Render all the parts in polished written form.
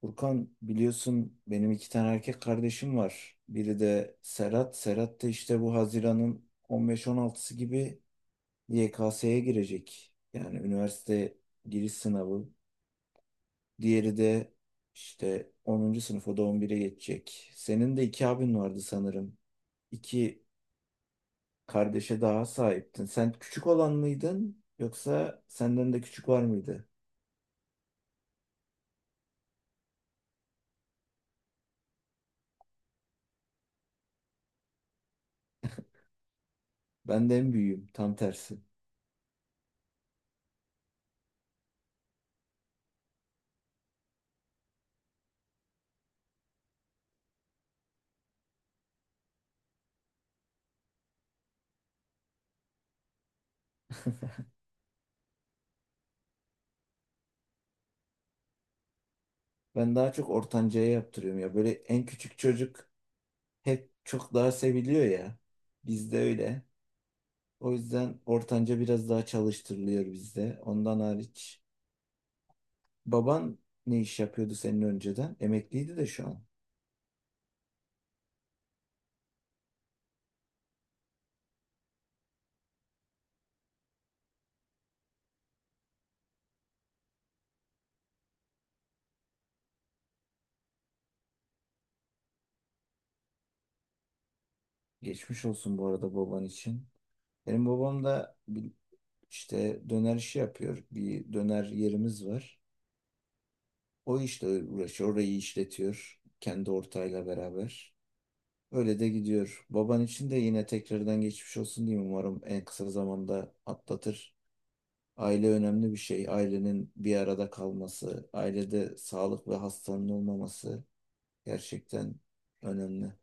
Furkan biliyorsun benim iki tane erkek kardeşim var. Biri de Serhat. Serhat da işte bu Haziran'ın 15-16'sı gibi YKS'ye girecek. Yani üniversite giriş sınavı. Diğeri de işte onuncu sınıf o da 11'e geçecek. Senin de iki abin vardı sanırım. İki kardeşe daha sahiptin. Sen küçük olan mıydın yoksa senden de küçük var mıydı? Ben de en büyüğüm, tam tersi. Ben daha çok ortancaya yaptırıyorum ya. Böyle en küçük çocuk hep çok daha seviliyor ya. Bizde öyle. O yüzden ortanca biraz daha çalıştırılıyor bizde. Ondan hariç. Baban ne iş yapıyordu senin önceden? Emekliydi de şu an. Geçmiş olsun bu arada baban için. Benim babam da işte döner işi yapıyor. Bir döner yerimiz var. O işle uğraşıyor. Orayı işletiyor. Kendi ortağıyla beraber. Öyle de gidiyor. Baban için de yine tekrardan geçmiş olsun diyeyim. Umarım en kısa zamanda atlatır. Aile önemli bir şey. Ailenin bir arada kalması, ailede sağlık ve hastanın olmaması gerçekten önemli.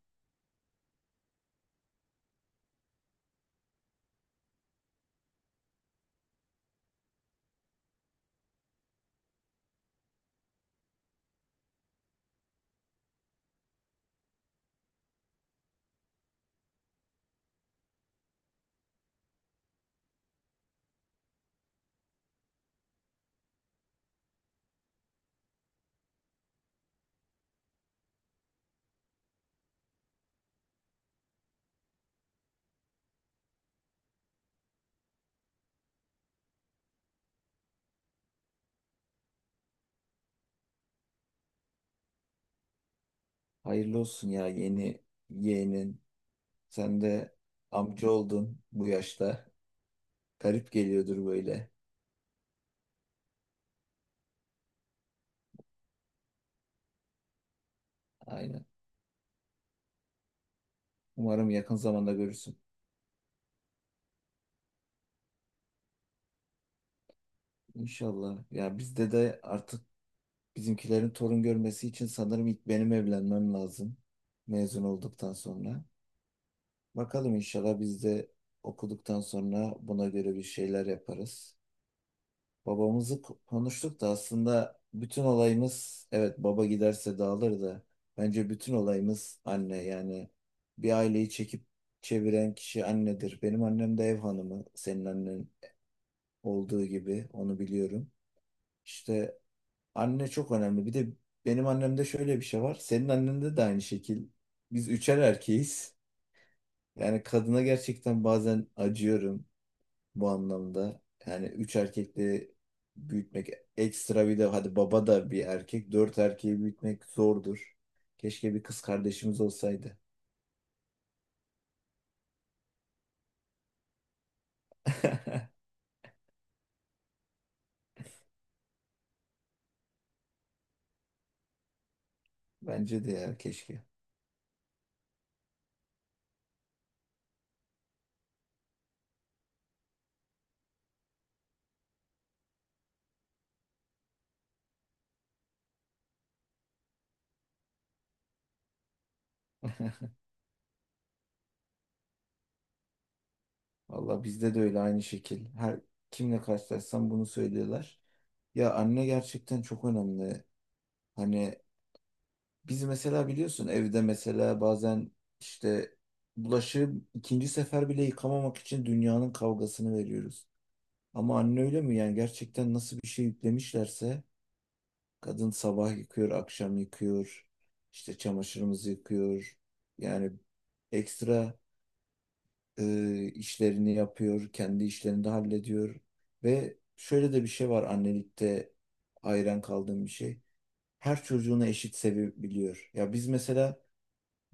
Hayırlı olsun ya, yeni yeğenin. Sen de amca oldun bu yaşta. Garip geliyordur böyle. Aynen. Umarım yakın zamanda görürsün. İnşallah. Ya bizde de artık bizimkilerin torun görmesi için sanırım ilk benim evlenmem lazım. Mezun olduktan sonra. Bakalım, inşallah biz de okuduktan sonra buna göre bir şeyler yaparız. Babamızı konuştuk da aslında bütün olayımız evet, baba giderse dağılır da bence bütün olayımız anne. Yani bir aileyi çekip çeviren kişi annedir. Benim annem de ev hanımı, senin annen olduğu gibi, onu biliyorum. İşte anne çok önemli. Bir de benim annemde şöyle bir şey var. Senin annende de aynı şekil. Biz üçer erkeğiz. Yani kadına gerçekten bazen acıyorum bu anlamda. Yani üç erkekle büyütmek, ekstra bir de hadi baba da bir erkek. Dört erkeği büyütmek zordur. Keşke bir kız kardeşimiz olsaydı. Bence de ya, keşke. Valla bizde de öyle, aynı şekil. Her kimle karşılaşsam bunu söylüyorlar. Ya anne gerçekten çok önemli. Hani biz mesela biliyorsun evde mesela bazen işte bulaşığı ikinci sefer bile yıkamamak için dünyanın kavgasını veriyoruz. Ama anne öyle mi? Yani gerçekten nasıl bir şey yüklemişlerse, kadın sabah yıkıyor, akşam yıkıyor, işte çamaşırımızı yıkıyor. Yani ekstra işlerini yapıyor, kendi işlerini de hallediyor. Ve şöyle de bir şey var annelikte, hayran kaldığım bir şey. Her çocuğunu eşit sevebiliyor. Ya biz mesela,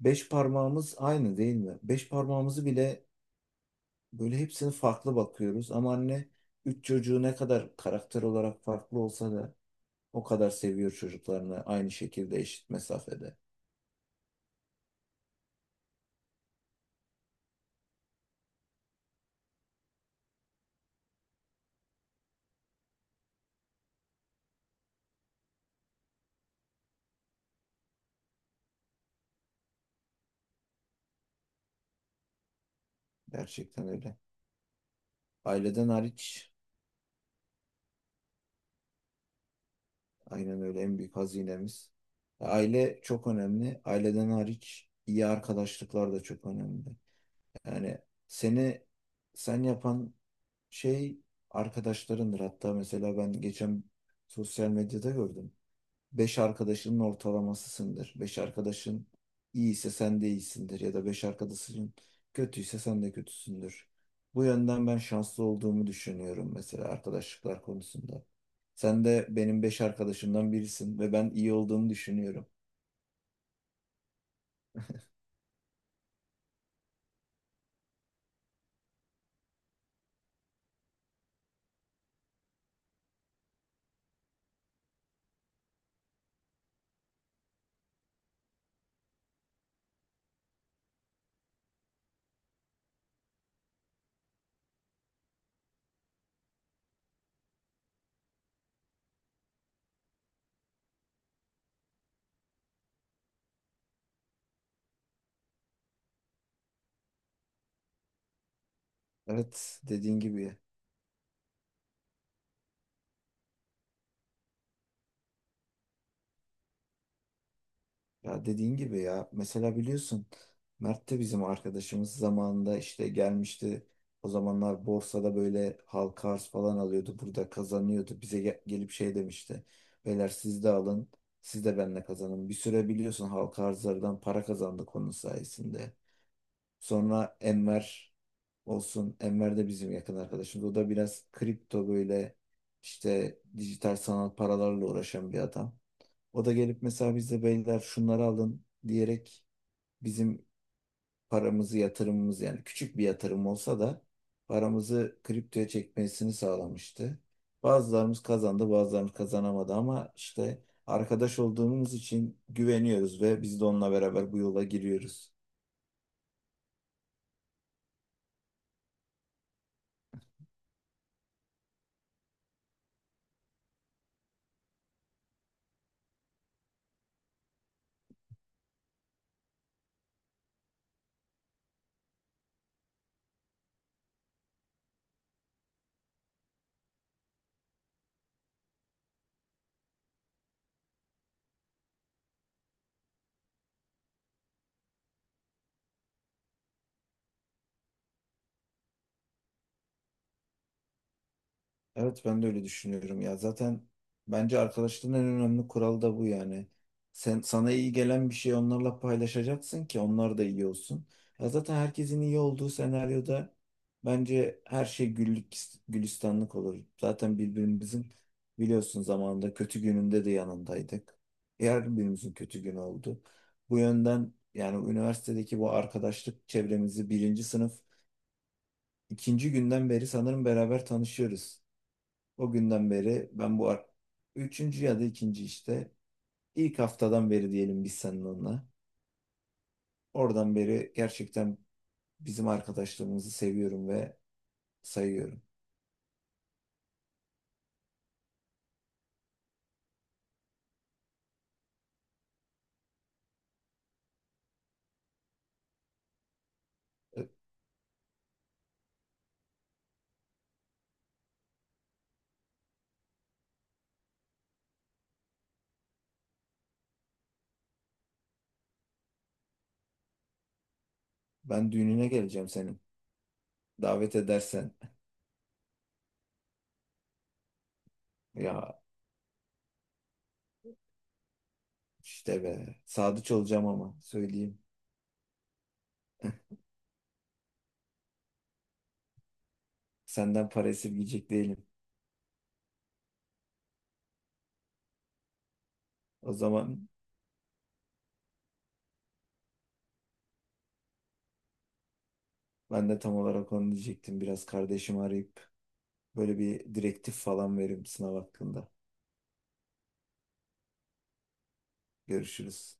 beş parmağımız aynı değil mi? Beş parmağımızı bile böyle hepsini farklı bakıyoruz. Ama anne üç çocuğu ne kadar karakter olarak farklı olsa da o kadar seviyor çocuklarını, aynı şekilde, eşit mesafede. Gerçekten öyle. Aileden hariç. Aynen öyle, en büyük hazinemiz. Aile çok önemli. Aileden hariç iyi arkadaşlıklar da çok önemli. Yani seni sen yapan şey arkadaşlarındır. Hatta mesela ben geçen sosyal medyada gördüm. 5 arkadaşının ortalamasısındır. 5 arkadaşın iyiyse sen de iyisindir, ya da 5 arkadaşın kötüyse sen de kötüsündür. Bu yönden ben şanslı olduğumu düşünüyorum mesela arkadaşlıklar konusunda. Sen de benim beş arkadaşımdan birisin ve ben iyi olduğumu düşünüyorum. Evet, dediğin gibi. Ya dediğin gibi ya, mesela biliyorsun Mert de bizim arkadaşımız zamanında işte gelmişti. O zamanlar borsada böyle halka arz falan alıyordu. Burada kazanıyordu. Bize gelip şey demişti. Beyler siz de alın. Siz de benimle kazanın. Bir süre biliyorsun halka arzlardan para kazandık onun sayesinde. Sonra Enver olsun. Enver de bizim yakın arkadaşımız. O da biraz kripto böyle işte dijital sanal paralarla uğraşan bir adam. O da gelip mesela bize beyler şunları alın diyerek bizim paramızı, yatırımımız yani küçük bir yatırım olsa da paramızı kriptoya çekmesini sağlamıştı. Bazılarımız kazandı, bazılarımız kazanamadı, ama işte arkadaş olduğumuz için güveniyoruz ve biz de onunla beraber bu yola giriyoruz. Evet, ben de öyle düşünüyorum ya. Zaten bence arkadaşlığın en önemli kuralı da bu yani. Sen sana iyi gelen bir şeyi onlarla paylaşacaksın ki onlar da iyi olsun. Ya zaten herkesin iyi olduğu senaryoda bence her şey güllük gülistanlık olur. Zaten birbirimizin, biliyorsun, zamanında kötü gününde de yanındaydık. Her birimizin kötü günü oldu. Bu yönden yani üniversitedeki bu arkadaşlık çevremizi birinci sınıf ikinci günden beri sanırım beraber tanışıyoruz. O günden beri ben bu üçüncü ya da ikinci işte, ilk haftadan beri diyelim biz seninle onunla. Oradan beri gerçekten bizim arkadaşlığımızı seviyorum ve sayıyorum. E, Ben düğününe geleceğim senin. Davet edersen ya işte be, sadıç olacağım ama söyleyeyim. Senden para esirgeyecek değilim. O zaman ben de tam olarak onu diyecektim. Biraz kardeşimi arayıp böyle bir direktif falan veririm sınav hakkında. Görüşürüz.